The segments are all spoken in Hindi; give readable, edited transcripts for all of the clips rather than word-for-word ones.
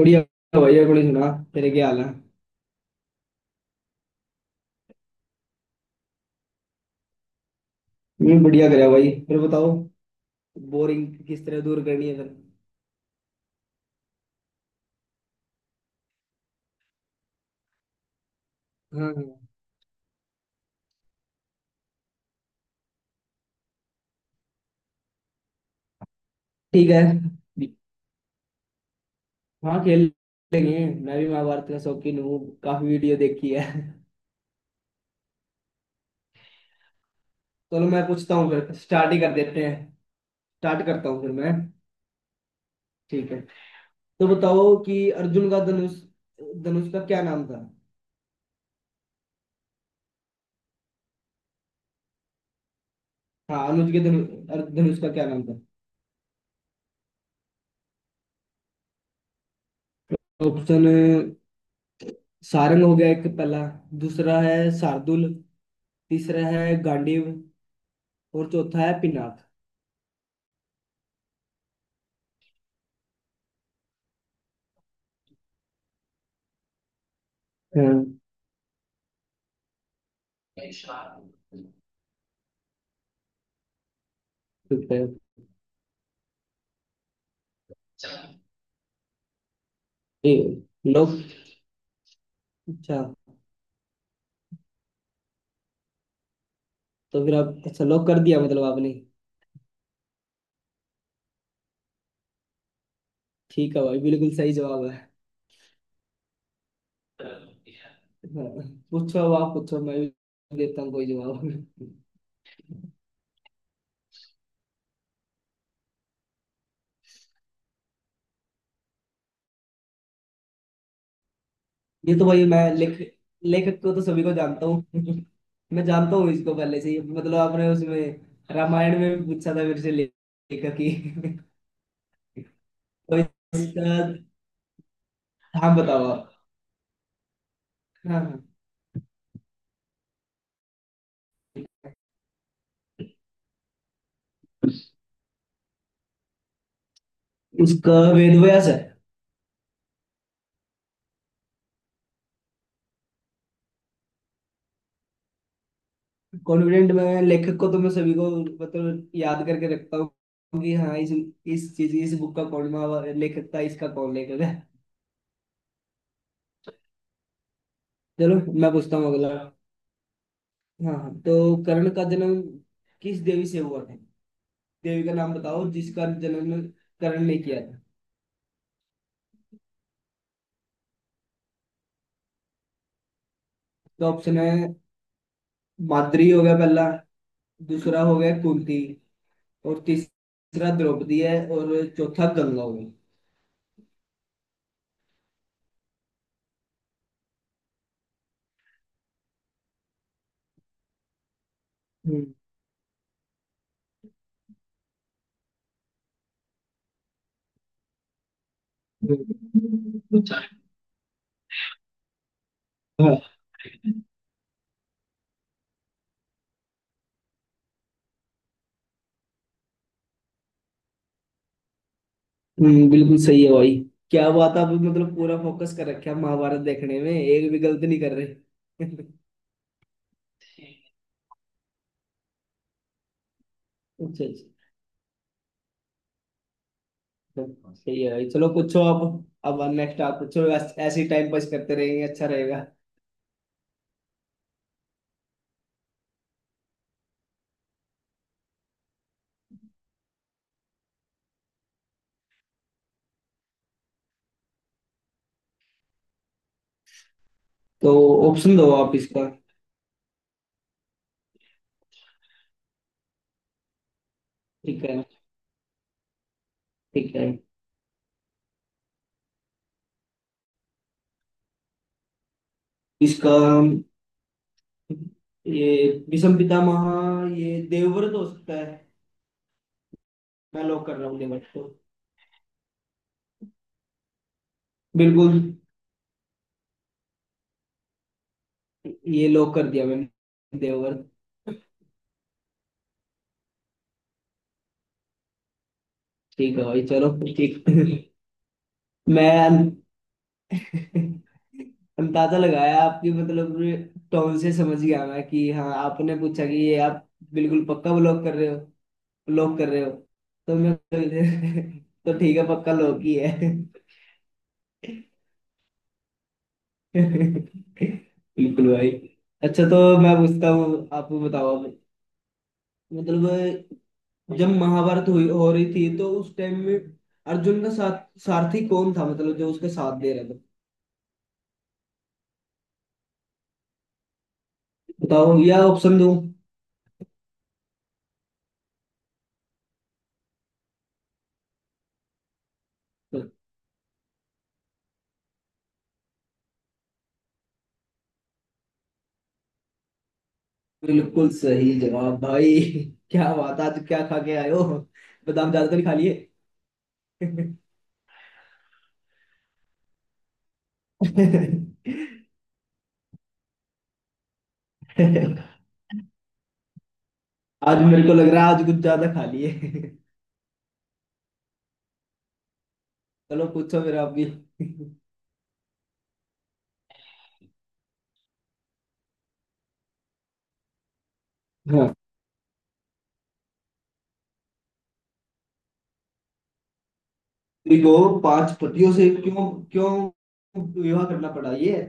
बढ़िया। भाई अपनी सुना, तेरे क्या हाल है। मैं बढ़िया करा भाई। फिर बताओ, बोरिंग किस तरह दूर करनी है फिर। हाँ हाँ। ठीक है। हाँ खेल लेंगे। मैं भी महाभारत का शौकीन हूँ, काफी वीडियो देखी है। चलो मैं पूछता हूँ, फिर स्टार्ट ही कर देते हैं। स्टार्ट करता हूँ फिर मैं। ठीक है। तो बताओ कि अर्जुन का धनुष, धनुष का क्या नाम था। हाँ, अनुज के धनुष का क्या नाम था। ऑप्शन, सारंग हो गया एक पहला, दूसरा है शार्दुल, तीसरा है गांडीव, और चौथा है पिनाक। हाँ। ठीक है। ए, लॉक। अच्छा, तो फिर आप अच्छा लॉक कर दिया मतलब आपने। ठीक है भाई, बिल्कुल सही जवाब है। हाँ। पूछो अब, आप पूछो, मैं भी देता हूँ कोई जवाब। ये तो भाई मैं लेखक को तो सभी को जानता हूँ। मैं जानता हूँ इसको पहले से ही। मतलब आपने उसमें रामायण में भी पूछा था मेरे से लेखक की। तो इसका, हाँ बताओ आप। हाँ हाँ। उसका वेद व्यास है। कॉन्फिडेंट, मैं लेखक को तो मैं सभी को, मतलब याद करके रखता हूँ कि हाँ इस चीज इस बुक का कौन लेखक था, इसका कौन लेखक है। चलो मैं पूछता हूँ अगला। हाँ हाँ, तो कर्ण का जन्म किस देवी से हुआ था। देवी का नाम बताओ जिसका जन्म कर्ण ने किया था। तो ऑप्शन है, माद्री हो गया पहला, दूसरा हो गया कुंती, और तीसरा द्रौपदी है, और चौथा गंगा हो गया। हम्म। हम्म। हाँ, हम्म, बिल्कुल सही है भाई। क्या बात, आप मतलब पूरा फोकस कर रखे महाभारत देखने में, एक भी गलती नहीं कर रहे। अच्छा अच्छा। सही है भाई, चलो पूछो अब। अब नेक्स्ट आप पूछो, ऐसे ही टाइम पास करते रहेंगे, अच्छा रहेगा। तो ऑप्शन दो आप इसका। ठीक है। ठीक है। इसका ये विषम पितामह, ये देवव्रत हो सकता है। मैं लॉक कर रहा हूँ देवव्रत को। बिल्कुल। ये लॉक कर दिया मैंने, देवव्रत। ठीक है भाई। चलो ठीक। मैं अंदाजा लगाया आपकी मतलब टोन से, समझ गया मैं कि हाँ आपने पूछा कि ये आप बिल्कुल पक्का ब्लॉक कर रहे हो, लॉक कर रहे हो। तो मैं तो ठीक है, पक्का लॉक ही है। बिल्कुल भाई। अच्छा, तो मैं पूछता हूँ आपको, बताओ आप। मतलब जब महाभारत हुई, हो रही थी, तो उस टाइम में अर्जुन का साथ सारथी कौन था, मतलब जो उसके साथ दे रहा था। बताओ या ऑप्शन दूं। बिल्कुल सही जवाब भाई। क्या बात, आज क्या खा के आए हो। बादाम ज्यादा तो नहीं खा लिए। आज मेरे को लग रहा है आज कुछ ज्यादा खा लिए। चलो पूछो फिर आप भी। हाँ। स्त्री को पांच पतियों से क्यों क्यों विवाह करना पड़ा, ये है।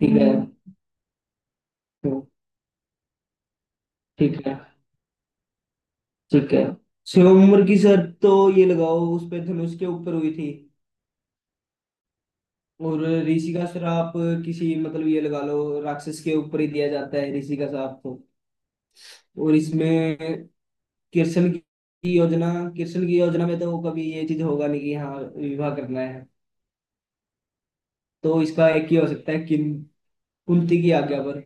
ठीक है। तो ठीक है। ठीक है, स्वयंवर की शर्त तो ये लगाओ उस पे धनुष के ऊपर हुई थी। और ऋषि का श्राप, किसी मतलब ये लगा लो राक्षस के ऊपर ही दिया जाता है ऋषि का श्राप तो। और इसमें कृष्ण की योजना, में तो कभी ये चीज होगा नहीं कि हाँ विवाह करना है। तो इसका एक ही हो सकता है कि कुंती की आज्ञा पर।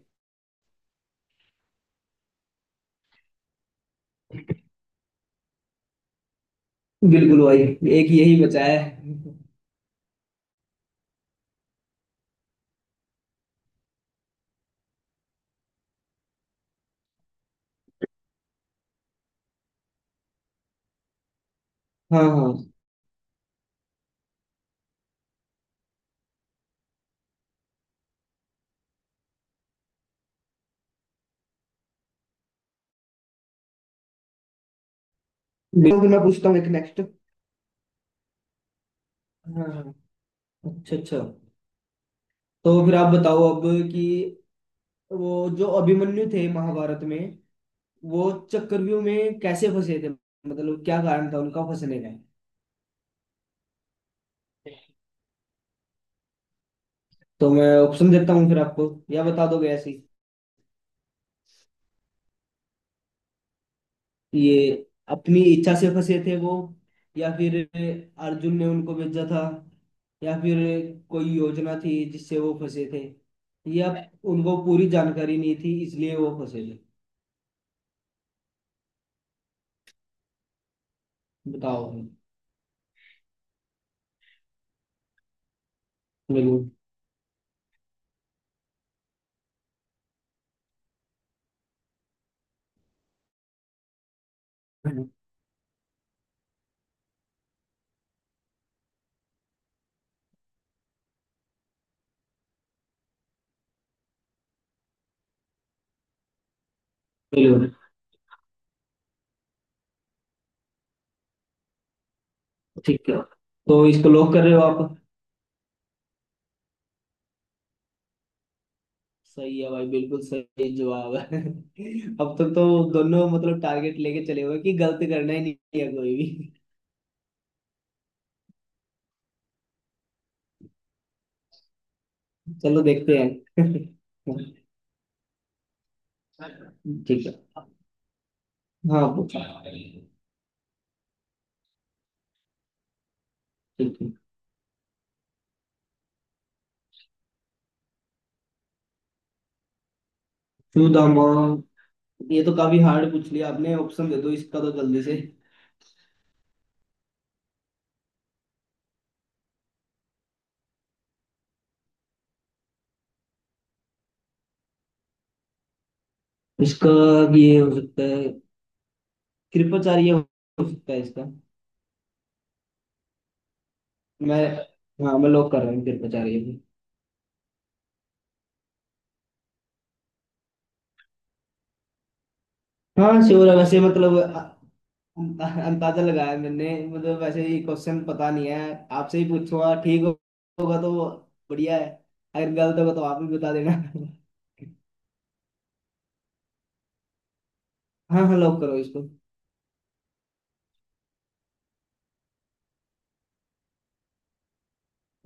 बिल्कुल भाई, एक यही बचा है। हाँ हाँ तो बिल्कुल। तो मैं पूछता हूँ एक नेक्स्ट। हाँ हाँ। अच्छा अच्छा। तो फिर आप बताओ अब कि वो जो अभिमन्यु थे महाभारत में, वो चक्रव्यूह में कैसे फंसे थे, मतलब क्या कारण था उनका फंसने का। तो मैं ऑप्शन देता हूँ फिर आपको, या बता दोगे ऐसे ही। ये अपनी इच्छा से फंसे थे वो, या फिर अर्जुन ने उनको भेजा था, या फिर कोई योजना थी जिससे वो फंसे थे, या उनको पूरी जानकारी नहीं थी इसलिए वो फंसे थे। बताओ। बिल्कुल। बिल्कुल। ठीक है, तो इसको लॉक कर रहे हो आप। सही है भाई, बिल्कुल सही जवाब है। अब तक तो दोनों मतलब टारगेट लेके चले हुए कि गलत करना ही नहीं है कोई भी। चलो देखते हैं। ठीक है। हाँ वो- ठीक है। टू द मॉल, ये तो काफी हार्ड पूछ लिया आपने, ऑप्शन दे दो इसका तो जल्दी से। इसका ये हो सकता है, कृपाचार्य हो सकता है इसका। मैं हाँ मैं लॉक कर रहा हूँ कृपाचार्य को। हाँ श्योर है वैसे, मतलब अंदाजा लगाया मैंने, मतलब वैसे ये क्वेश्चन पता नहीं है। आपसे ही पूछूंगा, होगा तो बढ़िया है, अगर गलत होगा तो आप भी बता देना। हाँ हाँ, लॉक करो इसको।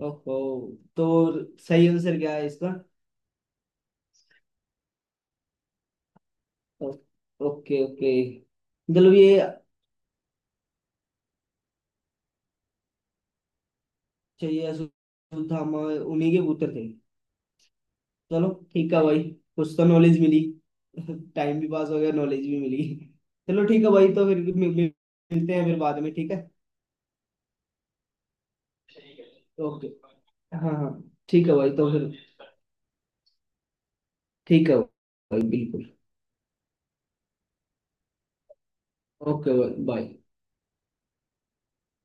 ओहो। तो सही आंसर क्या है इसका। ओ- ओके ओके। चलो ये, चाहिए असुधामा, उन्हीं के पुत्र थे। चलो ठीक है भाई, कुछ तो नॉलेज मिली। टाइम भी पास हो गया, नॉलेज भी मिली। चलो ठीक है भाई, तो फिर मिलते हैं फिर बाद में, ठीक है। ओके। हाँ हाँ। ठीक है भाई, तो फिर ठीक है भाई, बिल्कुल। ओके भाई बाय।